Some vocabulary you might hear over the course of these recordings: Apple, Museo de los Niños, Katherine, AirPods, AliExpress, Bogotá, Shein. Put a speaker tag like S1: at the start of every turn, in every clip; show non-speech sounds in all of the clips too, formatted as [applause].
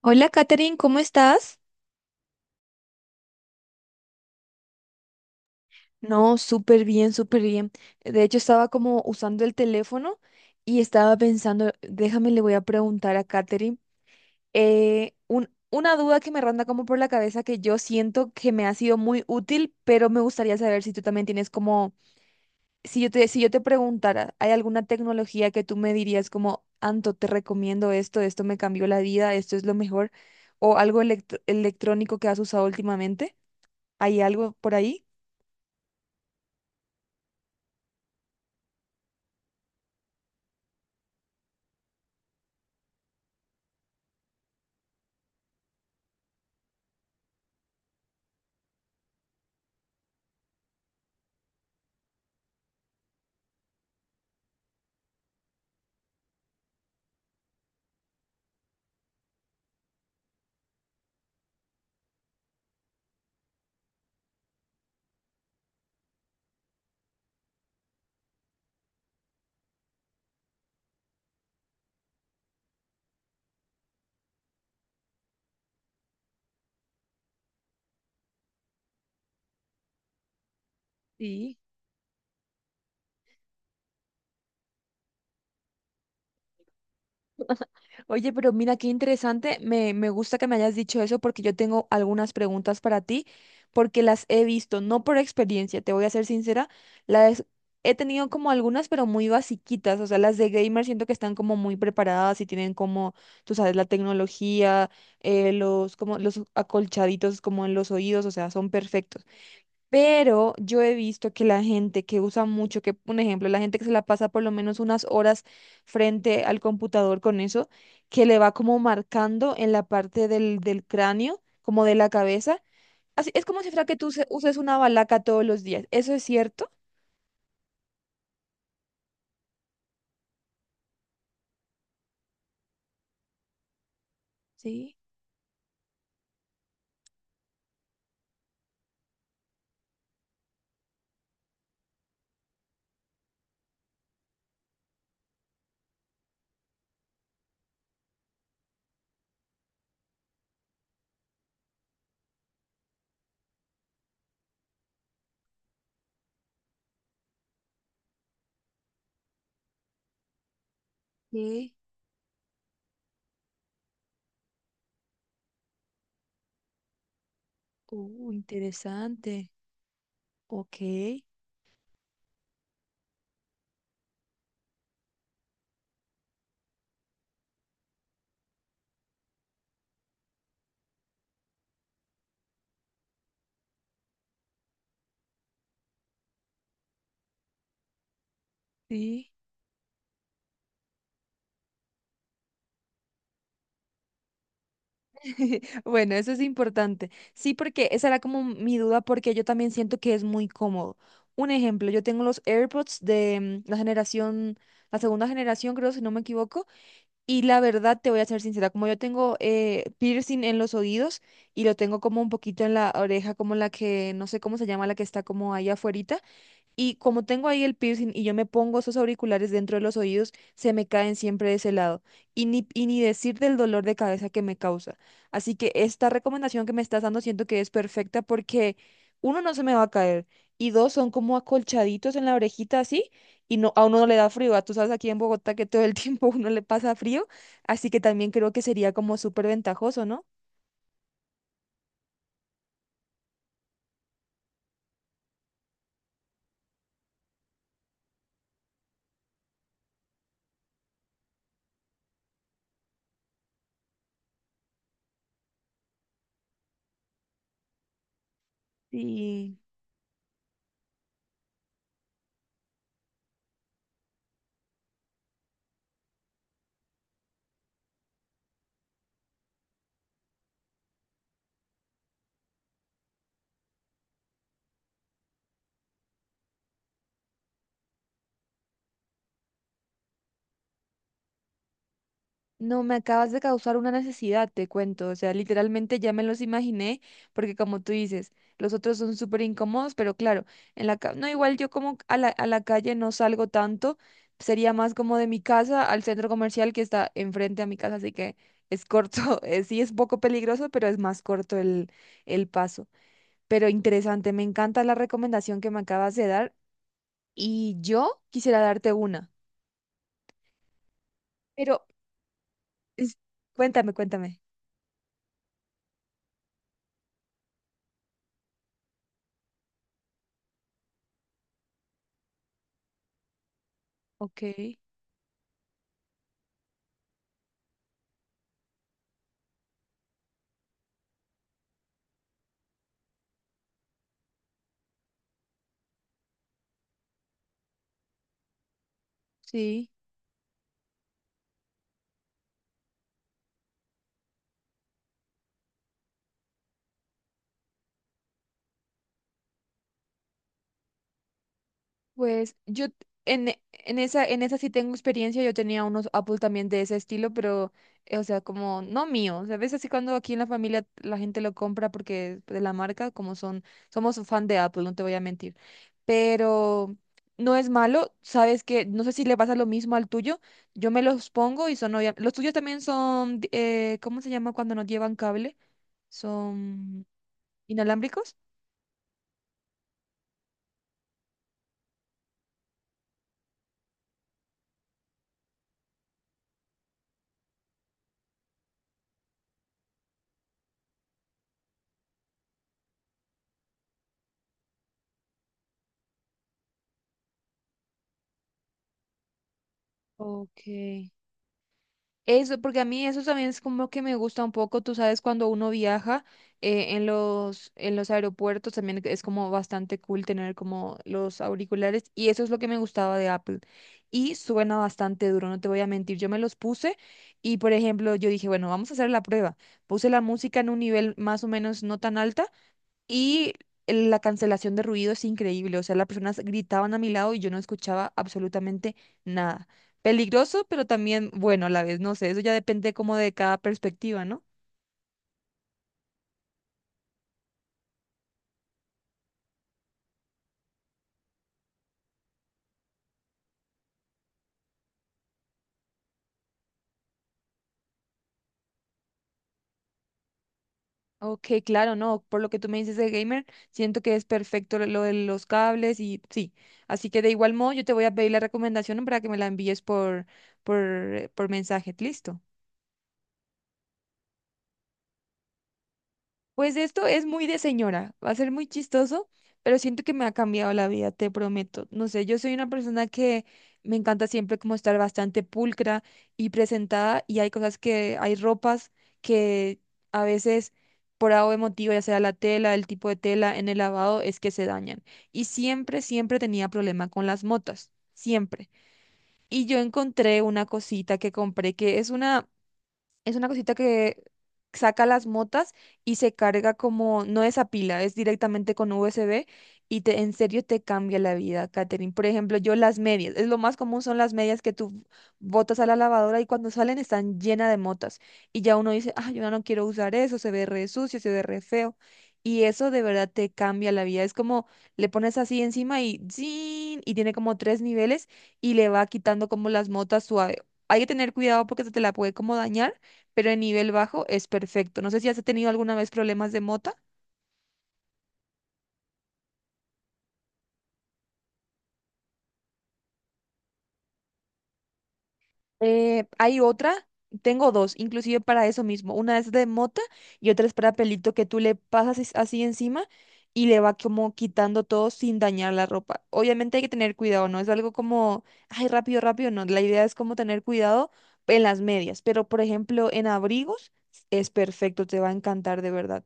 S1: Hola, Katherine, ¿cómo estás? No, súper bien, súper bien. De hecho, estaba como usando el teléfono y estaba pensando, déjame, le voy a preguntar a Katherine una duda que me ronda como por la cabeza que yo siento que me ha sido muy útil, pero me gustaría saber si tú también tienes como, si yo te preguntara, ¿hay alguna tecnología que tú me dirías como, Anto, te recomiendo esto, esto me cambió la vida, esto es lo mejor, o algo electrónico que has usado últimamente? ¿Hay algo por ahí? Sí. Oye, pero mira qué interesante. Me gusta que me hayas dicho eso porque yo tengo algunas preguntas para ti, porque las he visto, no por experiencia, te voy a ser sincera, las he tenido como algunas, pero muy basiquitas. O sea, las de gamer siento que están como muy preparadas y tienen como, tú sabes, la tecnología, los, como los acolchaditos como en los oídos, o sea, son perfectos. Pero yo he visto que la gente que usa mucho, que un ejemplo, la gente que se la pasa por lo menos unas horas frente al computador con eso, que le va como marcando en la parte del cráneo, como de la cabeza. Así, es como si fuera que uses una balaca todos los días. ¿Eso es cierto? Sí, sí. Interesante. Ok, sí. [laughs] Bueno, eso es importante. Sí, porque esa era como mi duda, porque yo también siento que es muy cómodo. Un ejemplo, yo tengo los AirPods de la generación, la segunda generación, creo, si no me equivoco, y la verdad te voy a ser sincera, como yo tengo piercing en los oídos y lo tengo como un poquito en la oreja, como la que, no sé cómo se llama, la que está como ahí afuera, y como tengo ahí el piercing y yo me pongo esos auriculares dentro de los oídos, se me caen siempre de ese lado. Y ni decir del dolor de cabeza que me causa. Así que esta recomendación que me estás dando siento que es perfecta porque uno no se me va a caer y dos son como acolchaditos en la orejita así y no, a uno no le da frío. Ah, tú sabes aquí en Bogotá que todo el [laughs] tiempo uno le pasa frío, así que también creo que sería como súper ventajoso, ¿no? Sí. No, me acabas de causar una necesidad, te cuento. O sea, literalmente ya me los imaginé, porque como tú dices, los otros son súper incómodos, pero claro, no, igual yo como a a la calle no salgo tanto, sería más como de mi casa al centro comercial que está enfrente a mi casa, así que es corto, [laughs] sí es poco peligroso, pero es más corto el paso. Pero interesante, me encanta la recomendación que me acabas de dar y yo quisiera darte una, pero es- cuéntame, cuéntame. Ok, sí. Pues yo t- en, e- en esa sí tengo experiencia, yo tenía unos Apple también de ese estilo, pero, o sea, como no mío, ¿sabes? Así cuando aquí en la familia la gente lo compra porque de la marca, como son, somos fan de Apple, no te voy a mentir, pero no es malo, ¿sabes? Que no sé si le pasa lo mismo al tuyo, yo me los pongo y son, los tuyos también son, ¿cómo se llama cuando no llevan cable? ¿Son inalámbricos? Ok. Eso, porque a mí eso también es como que me gusta un poco, tú sabes, cuando uno viaja en los aeropuertos también es como bastante cool tener como los auriculares y eso es lo que me gustaba de Apple. Y suena bastante duro, no te voy a mentir, yo me los puse y por ejemplo yo dije, bueno, vamos a hacer la prueba. Puse la música en un nivel más o menos no tan alta y la cancelación de ruido es increíble. O sea, las personas gritaban a mi lado y yo no escuchaba absolutamente nada. Peligroso, pero también bueno a la vez. No sé, eso ya depende como de cada perspectiva, ¿no? Ok, claro, no. Por lo que tú me dices de gamer, siento que es perfecto lo de los cables y sí. Así que de igual modo, yo te voy a pedir la recomendación para que me la envíes por mensaje. ¿Listo? Pues esto es muy de señora, va a ser muy chistoso, pero siento que me ha cambiado la vida, te prometo. No sé, yo soy una persona que me encanta siempre como estar bastante pulcra y presentada y hay cosas que, hay ropas que a veces por algo emotivo, ya sea la tela, el tipo de tela en el lavado, es que se dañan. Y siempre, siempre tenía problema con las motas, siempre. Y yo encontré una cosita que compré que es una... Es una cosita que saca las motas y se carga como, no es a pila, es directamente con USB y te, en serio te cambia la vida, Katherine. Por ejemplo, yo las medias, es lo más común son las medias que tú botas a la lavadora y cuando salen están llenas de motas. Y ya uno dice, ah, yo ya no quiero usar eso, se ve re sucio, se ve re feo. Y eso de verdad te cambia la vida. Es como le pones así encima y ¡zin! Y tiene como tres niveles y le va quitando como las motas suave. Hay que tener cuidado porque se te la puede como dañar pero en nivel bajo es perfecto. No sé si has tenido alguna vez problemas de mota. Eh, hay otra, tengo dos, inclusive para eso mismo. Una es de mota y otra es para pelito que tú le pasas así encima y le va como quitando todo sin dañar la ropa. Obviamente hay que tener cuidado, no es algo como, ay, rápido, rápido, no. La idea es como tener cuidado en las medias, pero por ejemplo en abrigos es perfecto, te va a encantar de verdad.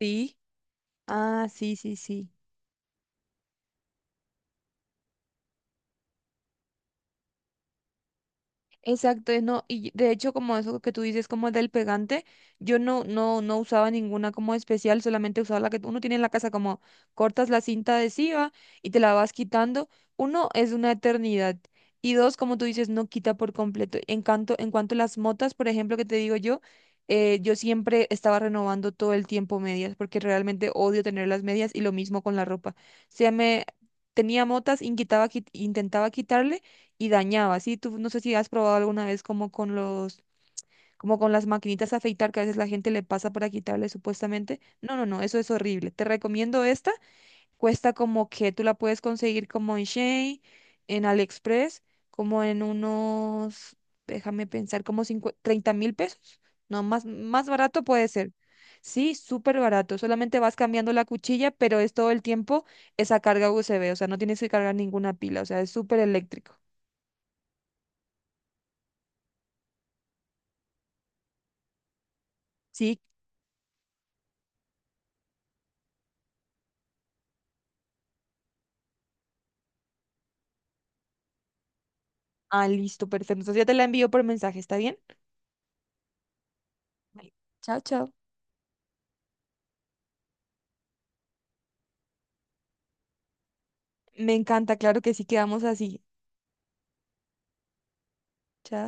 S1: Sí. Ah, sí, sí, sí. Exacto, es no, y de hecho como eso que tú dices como del pegante, yo no usaba ninguna como especial, solamente usaba la que uno tiene en la casa, como cortas la cinta adhesiva y te la vas quitando. Uno, es una eternidad. Y dos, como tú dices, no quita por completo. En cuanto a las motas, por ejemplo, que te digo yo, yo siempre estaba renovando todo el tiempo medias, porque realmente odio tener las medias y lo mismo con la ropa. O sea, me tenía motas, y quitaba, intentaba quitarle y dañaba, ¿sí? Tú no sé si has probado alguna vez como con como con las maquinitas a afeitar que a veces la gente le pasa para quitarle supuestamente. No, no, no, eso es horrible. Te recomiendo esta. Cuesta como que tú la puedes conseguir como en Shein, en AliExpress, como en unos, déjame pensar, como 30.000 pesos. No, más, más barato puede ser. Sí, súper barato. Solamente vas cambiando la cuchilla, pero es todo el tiempo esa carga USB. O sea, no tienes que cargar ninguna pila. O sea, es súper eléctrico. Sí, ah, listo, perfecto. Entonces ya te la envío por mensaje, ¿está bien? Vale. Chao, chao. Me encanta, claro que sí, quedamos así. Chao.